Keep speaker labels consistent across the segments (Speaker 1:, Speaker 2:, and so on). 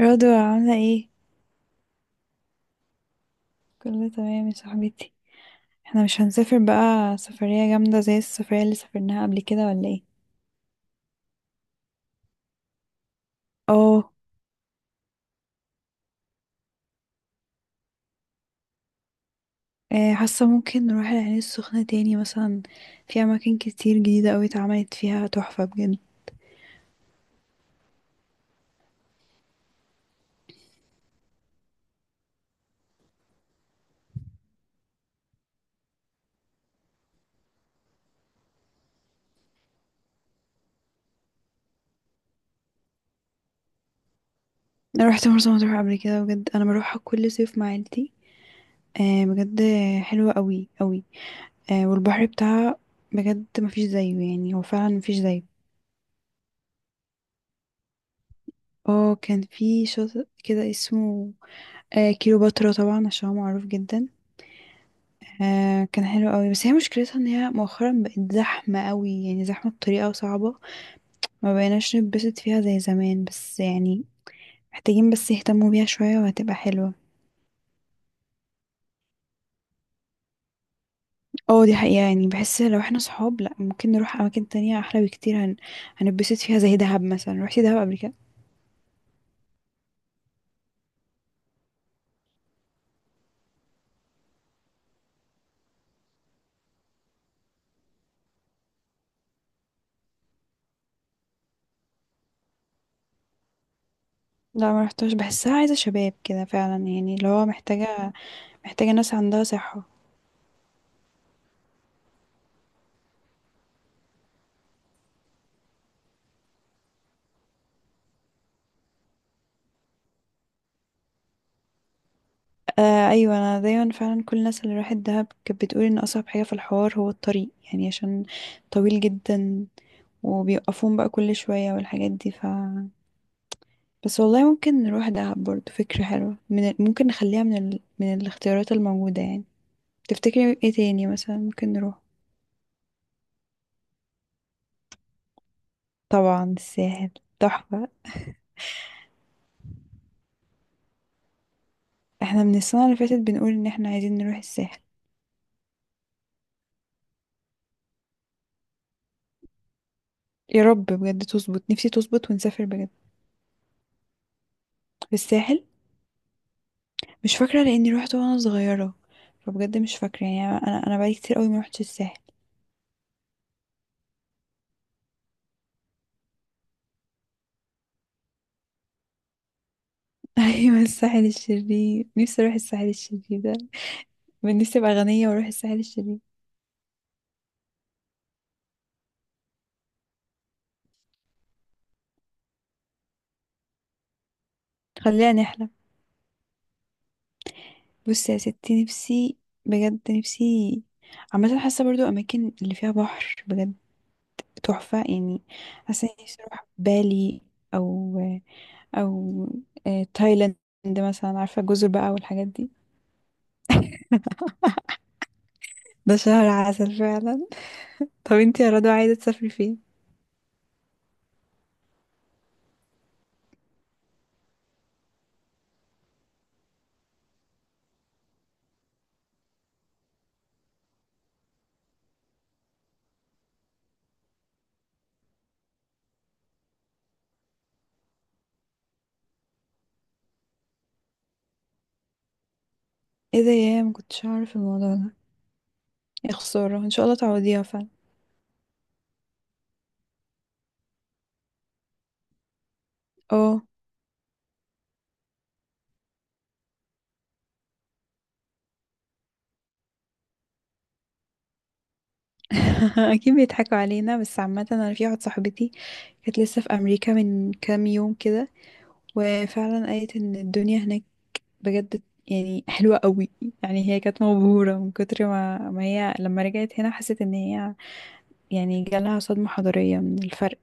Speaker 1: رضوى عاملة ايه؟ كله تمام يا صاحبتي. احنا مش هنسافر بقى سفرية جامدة زي السفرية اللي سافرناها قبل كده ولا ايه؟ اه. حاسة ممكن نروح العين السخنة تاني مثلا. في أماكن كتير جديدة أوي اتعملت فيها تحفة بجد. أنا روحت مرسى مطروح قبل كده بجد، أنا بروحها كل صيف مع عيلتي. آه، بجد. حلوة أوي أوي. والبحر بتاعها بجد مفيش زيه، يعني هو فعلا مفيش زيه. اه، كان في شاطئ كده اسمه. كيلوباترا طبعا، عشان هو معروف جدا. كان حلو قوي، بس هي مشكلتها ان هي مؤخرا بقت زحمة قوي، يعني زحمة بطريقة صعبة. ما بقيناش نتبسط فيها زي زمان بس يعني، محتاجين بس يهتموا بيها شوية وهتبقى حلوة. اه، دي حقيقة يعني. بحس لو احنا صحاب لا، ممكن نروح اماكن تانية احلى بكتير. هنتبسط فيها زي دهب مثلا. روحتي دهب قبل كده؟ لا ما رحتهاش، بحسها عايزة شباب كده فعلا، يعني اللي هو محتاجة ناس عندها صحة. آه ايوه، انا دايما فعلا كل الناس اللي راحت دهب كانت بتقول ان اصعب حاجة في الحوار هو الطريق، يعني عشان طويل جدا، وبيوقفون بقى كل شوية والحاجات دي بس والله ممكن نروح دهب برضو، فكرة حلوة ممكن نخليها من الاختيارات الموجودة يعني. تفتكري ايه تاني مثلا ممكن نروح؟ طبعا الساحل تحفة. احنا من السنة اللي فاتت بنقول ان احنا عايزين نروح الساحل. يا رب بجد تظبط، نفسي تظبط ونسافر بجد. الساحل. مش فاكرة لاني روحت وانا صغيرة، فبجد مش فاكرة يعني. انا بقالي كتير قوي ما روحتش الساحل. ايوه، الساحل الشرير، نفسي اروح الساحل الشرير ده. من نفسي ابقى غنية واروح الساحل الشرير. خلينا نحلم. بصي يا ستي، نفسي، بجد نفسي. عامة حاسة برضو أماكن اللي فيها بحر بجد تحفة يعني. حاسة إني نفسي أروح بالي. أو أو تايلاند مثلا، عارفة جزر بقى والحاجات دي. ده شهر عسل فعلا. طب انتي يا رضوى عايزة تسافري فين؟ ايه ده؟ يا، مكنتش أعرف الموضوع ده. يا خسارة، ان شاء الله تعوضيها فعلا. اه. اكيد بيضحكوا علينا، بس عامة انا في واحدة صاحبتي كانت لسه في امريكا من كام يوم كده، وفعلا قالت ان الدنيا هناك بجد، يعني حلوة قوي. يعني هي كانت مبهورة من كتر ما هي لما رجعت هنا حست ان هي يعني جالها صدمة حضارية من الفرق.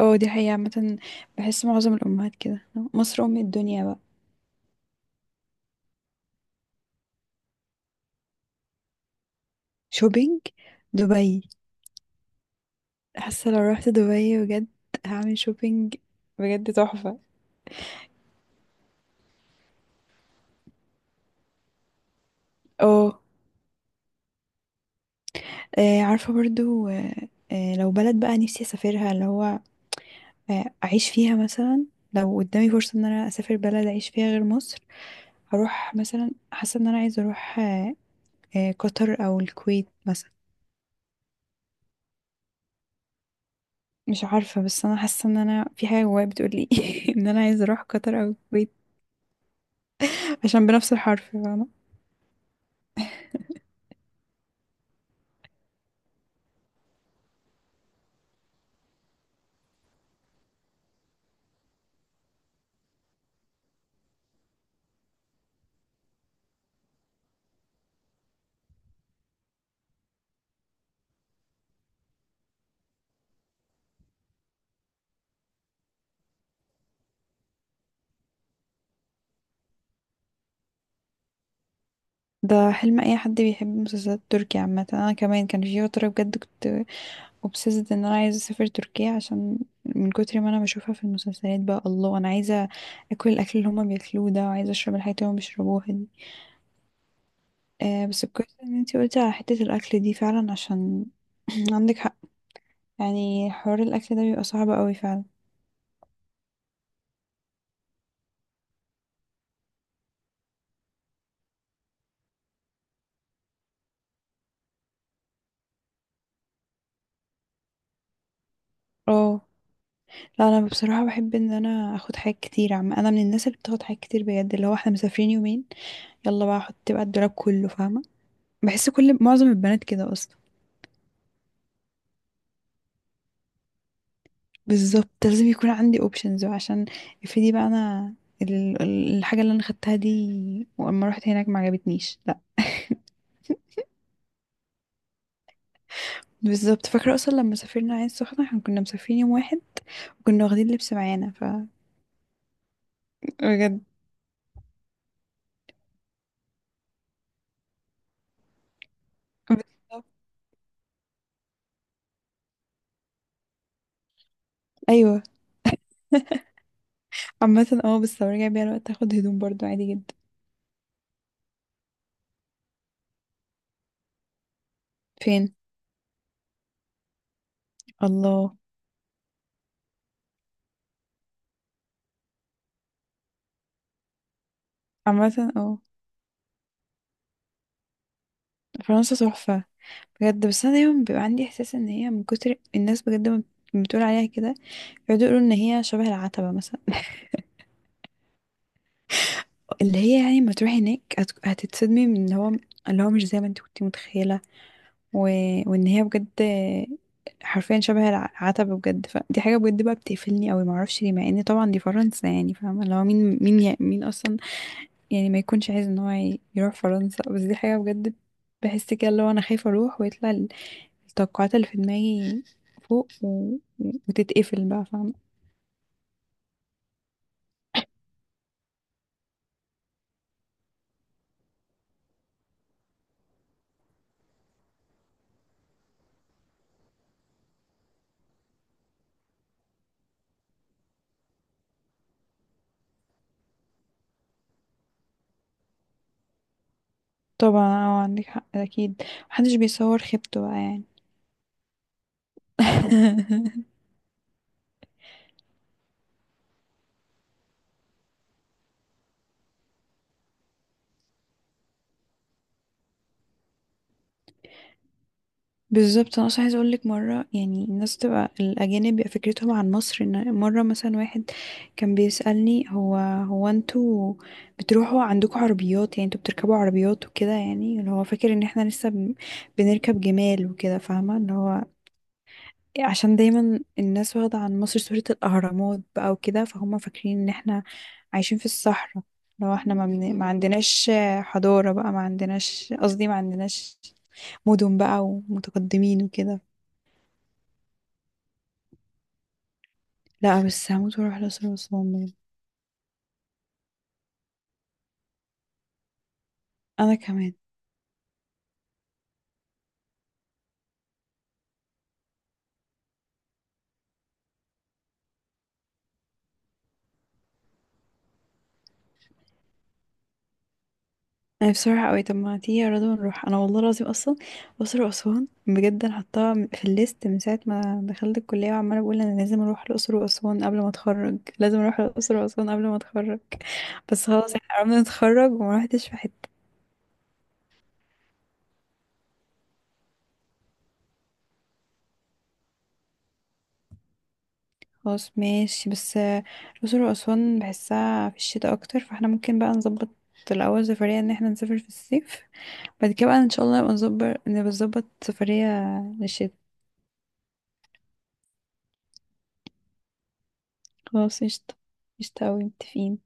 Speaker 1: اه، دي حقيقة عامة، بحس معظم الأمهات كده، مصر أم الدنيا بقى. شوبينج؟ دبي. حاسة لو رحت دبي بجد هعمل شوبينج بجد تحفة. اه عارفة برضو، لو بلد بقى نفسي أسافرها، اللي هو اعيش فيها مثلا. لو قدامي فرصة ان انا اسافر بلد اعيش فيها غير مصر، هروح مثلا. حاسة ان انا عايزة اروح قطر او الكويت مثلا. مش عارفة بس انا حاسة ان انا في حاجة جوايا بتقولي ان انا عايزة اروح قطر او الكويت، عشان بنفس الحرف، فاهمة؟ ده حلم اي حد بيحب مسلسلات تركيا. عامة انا كمان كان في فترة بجد كنت obsessed ان انا عايزة اسافر تركيا، عشان من كتر ما انا بشوفها في المسلسلات بقى، الله انا عايزة اكل الاكل اللي هما بياكلوه ده، وعايزة اشرب الحاجات اللي هما بيشربوها دي. آه، بس كويس ان انتي قلتي على حتة الاكل دي فعلا، عشان عندك حق. يعني حوار الاكل ده بيبقى صعب قوي فعلا. اه. لا، انا بصراحة بحب ان انا اخد حاجات كتير. عم، انا من الناس اللي بتاخد حاجات كتير بجد. اللي هو احنا مسافرين يومين، يلا بقى احط بقى الدولاب كله، فاهمة؟ بحس كل معظم البنات كده اصلا. بالظبط لازم يكون عندي اوبشنز، عشان افرضي بقى انا الحاجة اللي انا خدتها دي واما رحت هناك ما عجبتنيش. بالظبط، فاكرة أصلا لما سافرنا عين السخنة احنا كنا مسافرين يوم واحد، وكنا واخدين لبس معانا بجد. بالظبط. أيوه. عامة بس لو رجع بيا الوقت هاخد هدوم برضو عادي جدا. فين؟ الله! عامة فرنسا تحفة بجد. بس أنا دايما بيبقى عندي إحساس إن هي من كتر الناس بجد ما بتقول عليها كده، يقعدوا يقولوا إن هي شبه العتبة مثلا. اللي هي يعني ما تروحي هناك هتتصدمي من إن هو اللي هو مش زي ما انت كنت متخيلة. و... وان هي بجد حرفيا شبه العتبة بجد، فدي حاجة بجد بقى بتقفلني قوي، معرفش ليه، مع ان طبعا دي فرنسا يعني، فاهمة؟ اللي هو مين اصلا، يعني ما يكونش عايز ان هو يروح فرنسا. بس دي حاجة بجد، بحس كده اللي هو انا خايفة اروح ويطلع التوقعات اللي في دماغي فوق وتتقفل بقى، فاهمة؟ طبعا عندك حق اكيد، محدش بيصور خيبته بقى يعني. بالظبط، انا اصلا عايزه اقول لك مره، يعني الناس، تبقى الاجانب بيبقى فكرتهم عن مصر ان مره مثلا واحد كان بيسالني، هو انتوا بتروحوا عندكم عربيات، يعني انتوا بتركبوا عربيات وكده، يعني اللي هو فاكر ان احنا لسه بنركب جمال وكده، فاهمه؟ اللي هو عشان دايما الناس واخده عن مصر صوره الاهرامات بقى وكده، فهم فاكرين ان احنا عايشين في الصحراء، لو احنا ما عندناش حضاره بقى، ما عندناش، قصدي ما عندناش مدن بقى ومتقدمين وكده. لا، بس هموت واروح الأقصر وأسوان بجد. أنا كمان، أنا بصراحة أوي. طب ما تيجي يا رضوى نروح؟ أنا والله العظيم أصلا الأقصر وأسوان بجد، أنا حطاها في الليست من ساعة ما دخلت الكلية، وعمالة بقول أنا لازم أروح الأقصر وأسوان قبل ما أتخرج، لازم أروح الأقصر وأسوان قبل ما أتخرج. بس خلاص احنا قربنا نتخرج وما روحتش في حتة. خلاص ماشي، بس الأقصر وأسوان بحسها في الشتاء أكتر، فاحنا ممكن بقى نظبط الأول سفرية إن احنا نسافر في الصيف، بعد كده بقى إن شاء الله نبقى نظبط سفرية للشتاء. خلاص قشطة. قشطة أوي، متفقين.